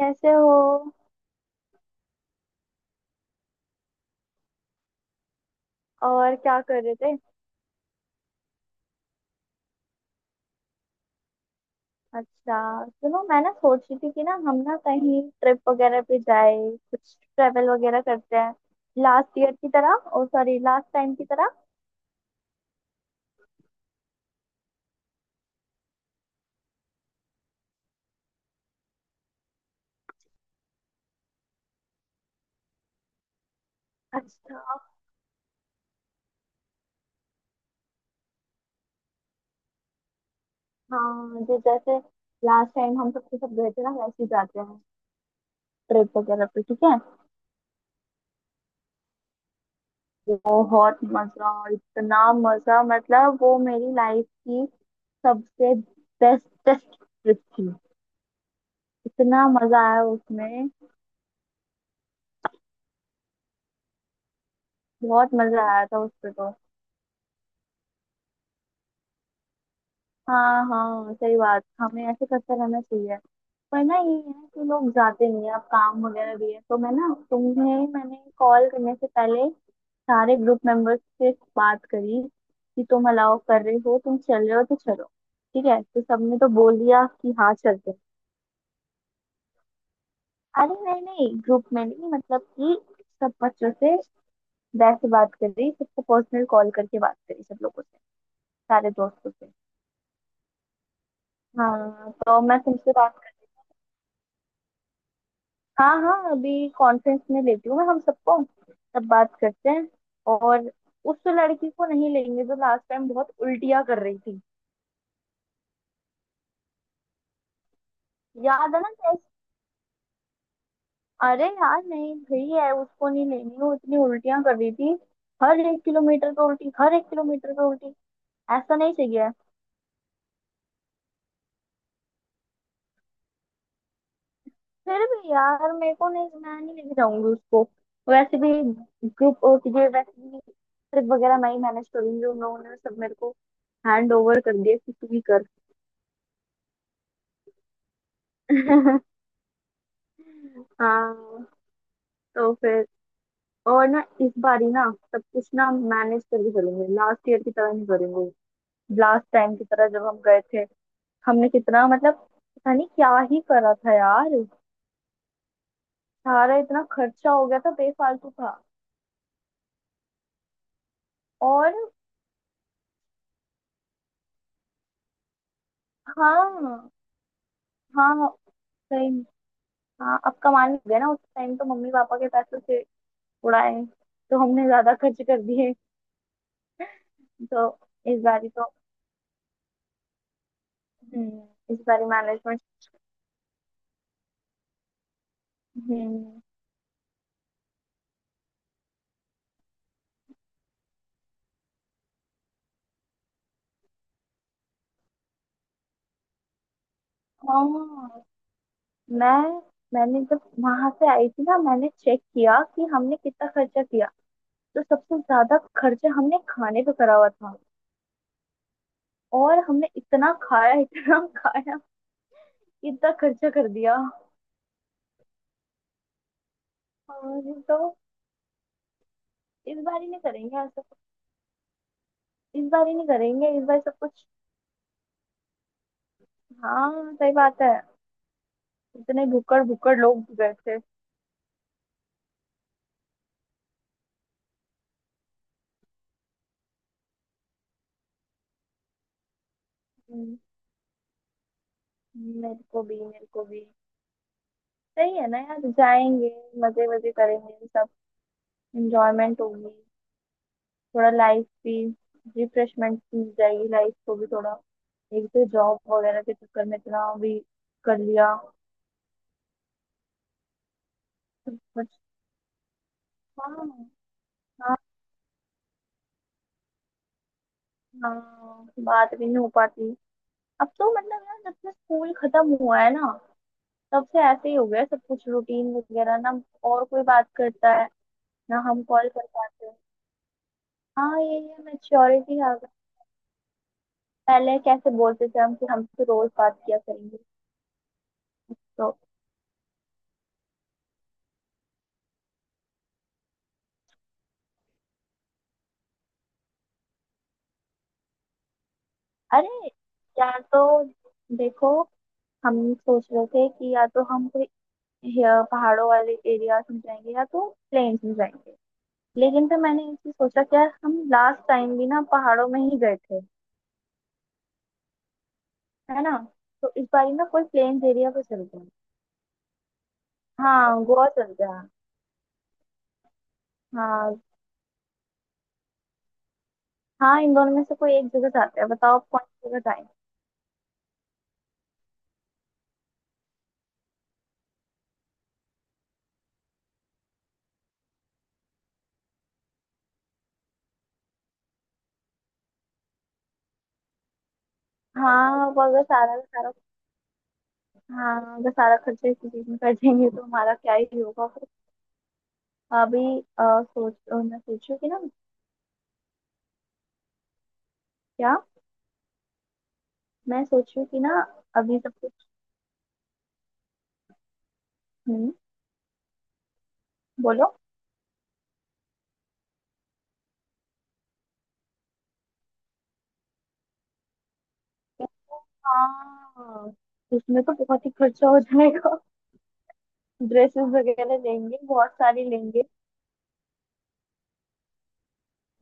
कैसे हो। और क्या कर रहे थे। अच्छा, सुनो मैं ना सोच रही थी कि ना हम ना कहीं ट्रिप वगैरह पे जाए, कुछ ट्रेवल वगैरह करते हैं, लास्ट ईयर की तरह, ओ सॉरी लास्ट टाइम की तरह। अच्छा। हाँ जो जैसे लास्ट टाइम हम सबके सब गए थे ना, वैसे ही जाते हैं ट्रिप वगैरह पे, ठीक है। बहुत मजा, इतना मजा, मतलब वो मेरी लाइफ की सबसे बेस्टेस्ट ट्रिप थी। इतना मजा आया उसमें। बहुत मजा आया था उस पे तो। हाँ हाँ सही बात, हमें ऐसे करते रहना चाहिए। पर ना ये है कि लोग जाते नहीं है, अब काम वगैरह भी है, तो मैं ना तुम्हें मैंने कॉल करने से पहले सारे ग्रुप मेंबर्स से बात करी कि तुम अलाउ कर रहे हो, तुम चल रहे हो तो चलो, ठीक है। तो सबने तो बोल दिया कि हाँ चलते हैं। अरे नहीं नहीं, ग्रुप में नहीं, मतलब कि सब बच्चों से वैसे बात करी, सबको पर्सनल कॉल करके बात करी सब लोगों से, सारे दोस्तों से। हाँ तो मैं तुमसे बात, हाँ हाँ अभी कॉन्फ्रेंस में लेती हूँ मैं हम सबको, तब बात करते हैं। और उस लड़की को नहीं लेंगे जो लास्ट टाइम बहुत उल्टियाँ कर रही थी। याद है ना टेस्ट। अरे यार नहीं भाई है, उसको नहीं लेनी, वो इतनी उल्टियाँ कर रही थी, हर एक किलोमीटर पे उल्टी, हर एक किलोमीटर पे उल्टी। ऐसा नहीं चाहिए। फिर भी यार मेरे को नहीं, मैं नहीं लेके जाऊंगी उसको। वैसे भी ग्रुप, ये वैसे भी ट्रिप वगैरह मैं ही मैनेज करूंगी। उन लोगों ने सब मेरे को हैंड ओवर कर दिया कि तू ही कर। हाँ। तो फिर, और ना इस बार ही ना सब कुछ ना मैनेज करके चलेंगे, लास्ट ईयर की तरह नहीं करेंगे। लास्ट टाइम की तरह जब हम गए थे, हमने कितना मतलब पता नहीं क्या ही करा था यार, सारा इतना खर्चा हो गया था बेफालतू का। और हाँ। हाँ सही में। हाँ अब कमाने लग गए ना, उस टाइम तो मम्मी पापा के पैसों से उड़ाए, तो हमने ज्यादा खर्च कर दिए। तो इस बारी तो, इस बारी मैनेजमेंट। हम्म। हाँ मैं, मैंने जब वहां से आई थी ना, मैंने चेक किया कि हमने कितना खर्चा किया, तो सबसे ज्यादा खर्चा हमने खाने पे करा हुआ था। और हमने इतना खाया, इतना खाया, इतना खर्चा कर दिया। और तो इस बार ही नहीं करेंगे ऐसा, इस बार ही नहीं करेंगे, इस बार सब कुछ। हाँ सही बात है। इतने भुक्कड़ भुक्कड़ लोग गए थे। हम्म, मेरे को भी मेरे को भी। सही है ना यार, जाएंगे, मजे मजे करेंगे सब, एंजॉयमेंट होगी, थोड़ा लाइफ भी रिफ्रेशमेंट मिल जाएगी लाइफ को भी थोड़ा। एक तो जॉब वगैरह के चक्कर में इतना भी कर लिया। बट हाँ। हाँ, हाँ बात भी नहीं हो पाती। अब तो मतलब यार जब से स्कूल खत्म हुआ है ना, तब से ऐसे ही हो गया है सब कुछ, रूटीन वगैरह ना, और कोई बात करता है ना, हम कॉल कर पाते हैं। हाँ ये मेच्योरिटी आ गई। पहले कैसे बोलते थे हम कि हमसे रोज बात किया करेंगे। तो अरे, या तो, देखो, हम सोच रहे थे कि या तो हम कोई पहाड़ों वाले एरियाज में जाएंगे या तो प्लेन्स में जाएंगे। लेकिन फिर मैंने ये चीज सोचा कि यार हम लास्ट टाइम भी ना पहाड़ों में ही गए थे, है ना। तो इस बार ही ना कोई प्लेन्स एरिया पे चलते हैं। हाँ गोवा चलते हैं। हाँ हाँ इन दोनों में से कोई एक जगह जाते हैं, बताओ आप कौन सी जगह जाएंगे। हाँ वो अगर सारा का सारा, हाँ अगर सारा खर्चा इसी चीज में कर देंगे तो हमारा क्या ही होगा फिर। अभी सोच, मैं सोचू कि ना, क्या, मैं सोचू कि ना, अभी सब। हम्म, बोलो। हाँ उसमें तो बहुत ही खर्चा हो जाएगा। ड्रेसेस वगैरह लेंगे, बहुत सारी लेंगे,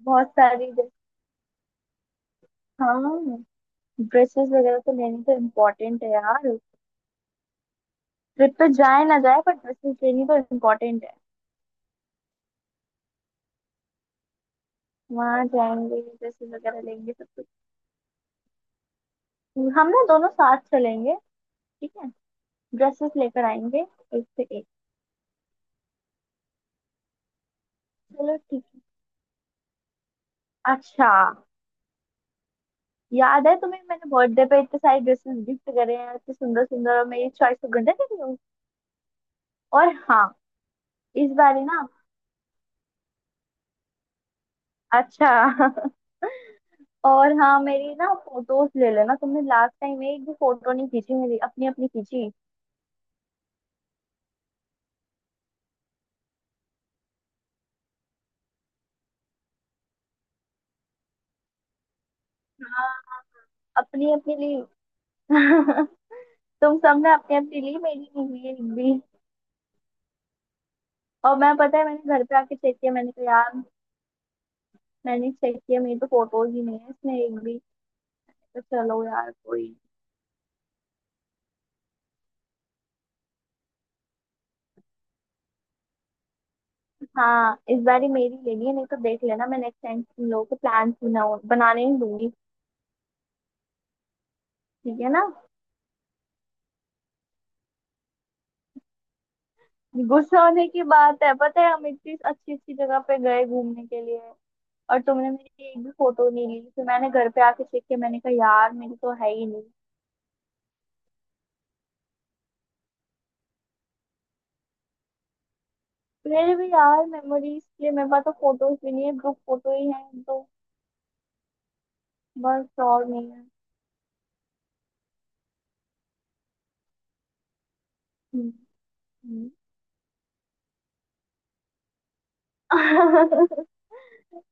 बहुत सारी ड्रे- हाँ, ड्रेसेस वगैरह तो लेनी तो इम्पोर्टेंट है यार। ट्रिप पे जाए ना जाए, पर ड्रेसेस लेनी तो इम्पोर्टेंट है। वहाँ जाएंगे, ड्रेसेस वगैरह लेंगे सब कुछ। हम ना दोनों साथ चलेंगे, ठीक है। ड्रेसेस लेकर आएंगे एक से एक। चलो ठीक है। अच्छा। याद है तुम्हें मैंने बर्थडे पे इतने सारे ड्रेसेस गिफ्ट करे हैं, इतने सुंदर सुंदर, और मेरी चॉइस को गंदा नहीं हूँ। और हाँ इस बार ही ना, अच्छा। और हाँ मेरी ना फोटोज ले लेना, तुमने लास्ट टाइम एक भी फोटो नहीं खींची मेरी, अपनी अपनी खींची। हाँ अपनी अपनी ली। तुम सबने अपनी अपनी ली, मेरी नहीं हुई एक भी। और मैं, पता है मैंने घर पे आके चेक किया, मैंने कहा यार, मैंने चेक किया मेरी तो फोटोज ही नहीं है इसमें एक भी। तो चलो यार कोई। हाँ इस बार ही मेरी लेनी है, नहीं तो देख लेना मैं नेक्स्ट टाइम तुम लोगों को प्लान बनाऊ बनाने नहीं दूंगी। ठीक है ना। गुस्सा होने की बात है, पता है, हम इतनी अच्छी अच्छी जगह पे गए घूमने के लिए और तुमने मेरी एक भी फोटो नहीं ली। फिर मैंने घर पे आके चेक किया, मैंने कहा यार मेरी तो है ही नहीं। मेरे भी यार मेमोरीज के लिए, मेरे पास तो फोटोज भी नहीं है, ग्रुप फोटो ही है तो, बस और नहीं है। हम्म, हम्म।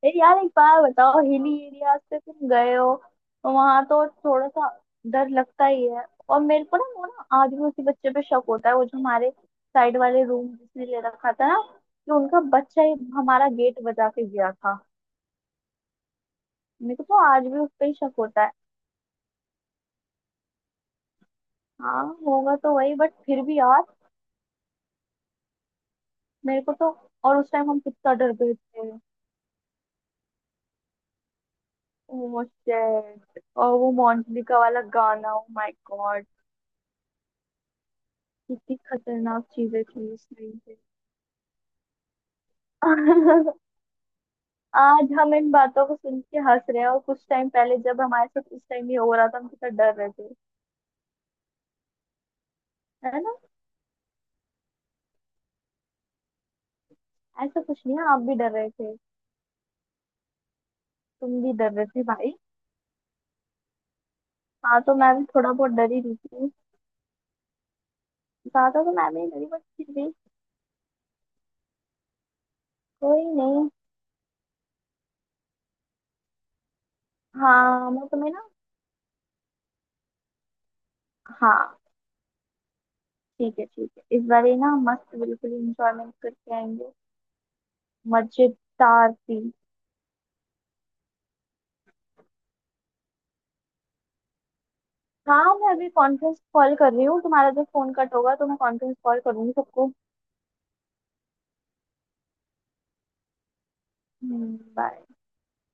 ए यार एक बार बताओ, हिली एरिया से तुम गए हो तो वहां तो थोड़ा सा डर लगता ही है। और मेरे को ना वो ना आदिवासी बच्चे पे शक होता है, वो जो हमारे साइड वाले रूम जिसने ले रखा था ना, कि उनका बच्चा ही हमारा गेट बजा के गया था। मेरे को तो आज भी उस पे ही शक होता है। हाँ होगा तो वही, बट फिर भी यार। मेरे को तो, और उस टाइम हम कितना डर गए थे। ओ शिट, और वो मोंटली का वाला गाना, ओ माय गॉड, कितनी खतरनाक चीजें थी उस टाइम पे। आज हम इन बातों को सुन के हंस रहे हैं, और कुछ टाइम पहले जब हमारे साथ इस टाइम ये हो रहा था, हम कितना डर रहे थे, है ना। ऐसा कुछ नहीं है, आप भी डर रहे थे, तुम भी डर रहे थे भाई। हाँ तो मैं भी थोड़ा बहुत डरी रही थी, ज्यादा तो मैं भी नहीं डरी, बट फिर भी। कोई नहीं। हाँ मैं तुम्हें ना, हाँ ठीक है, ठीक है इस बार ये ना मस्त बिल्कुल इंजॉयमेंट करके आएंगे। मजेदार थी। हाँ मैं अभी कॉन्फ्रेंस कॉल कर रही हूँ, तुम्हारा जब फोन कट होगा तो मैं कॉन्फ्रेंस कॉल करूंगी सबको। बाय।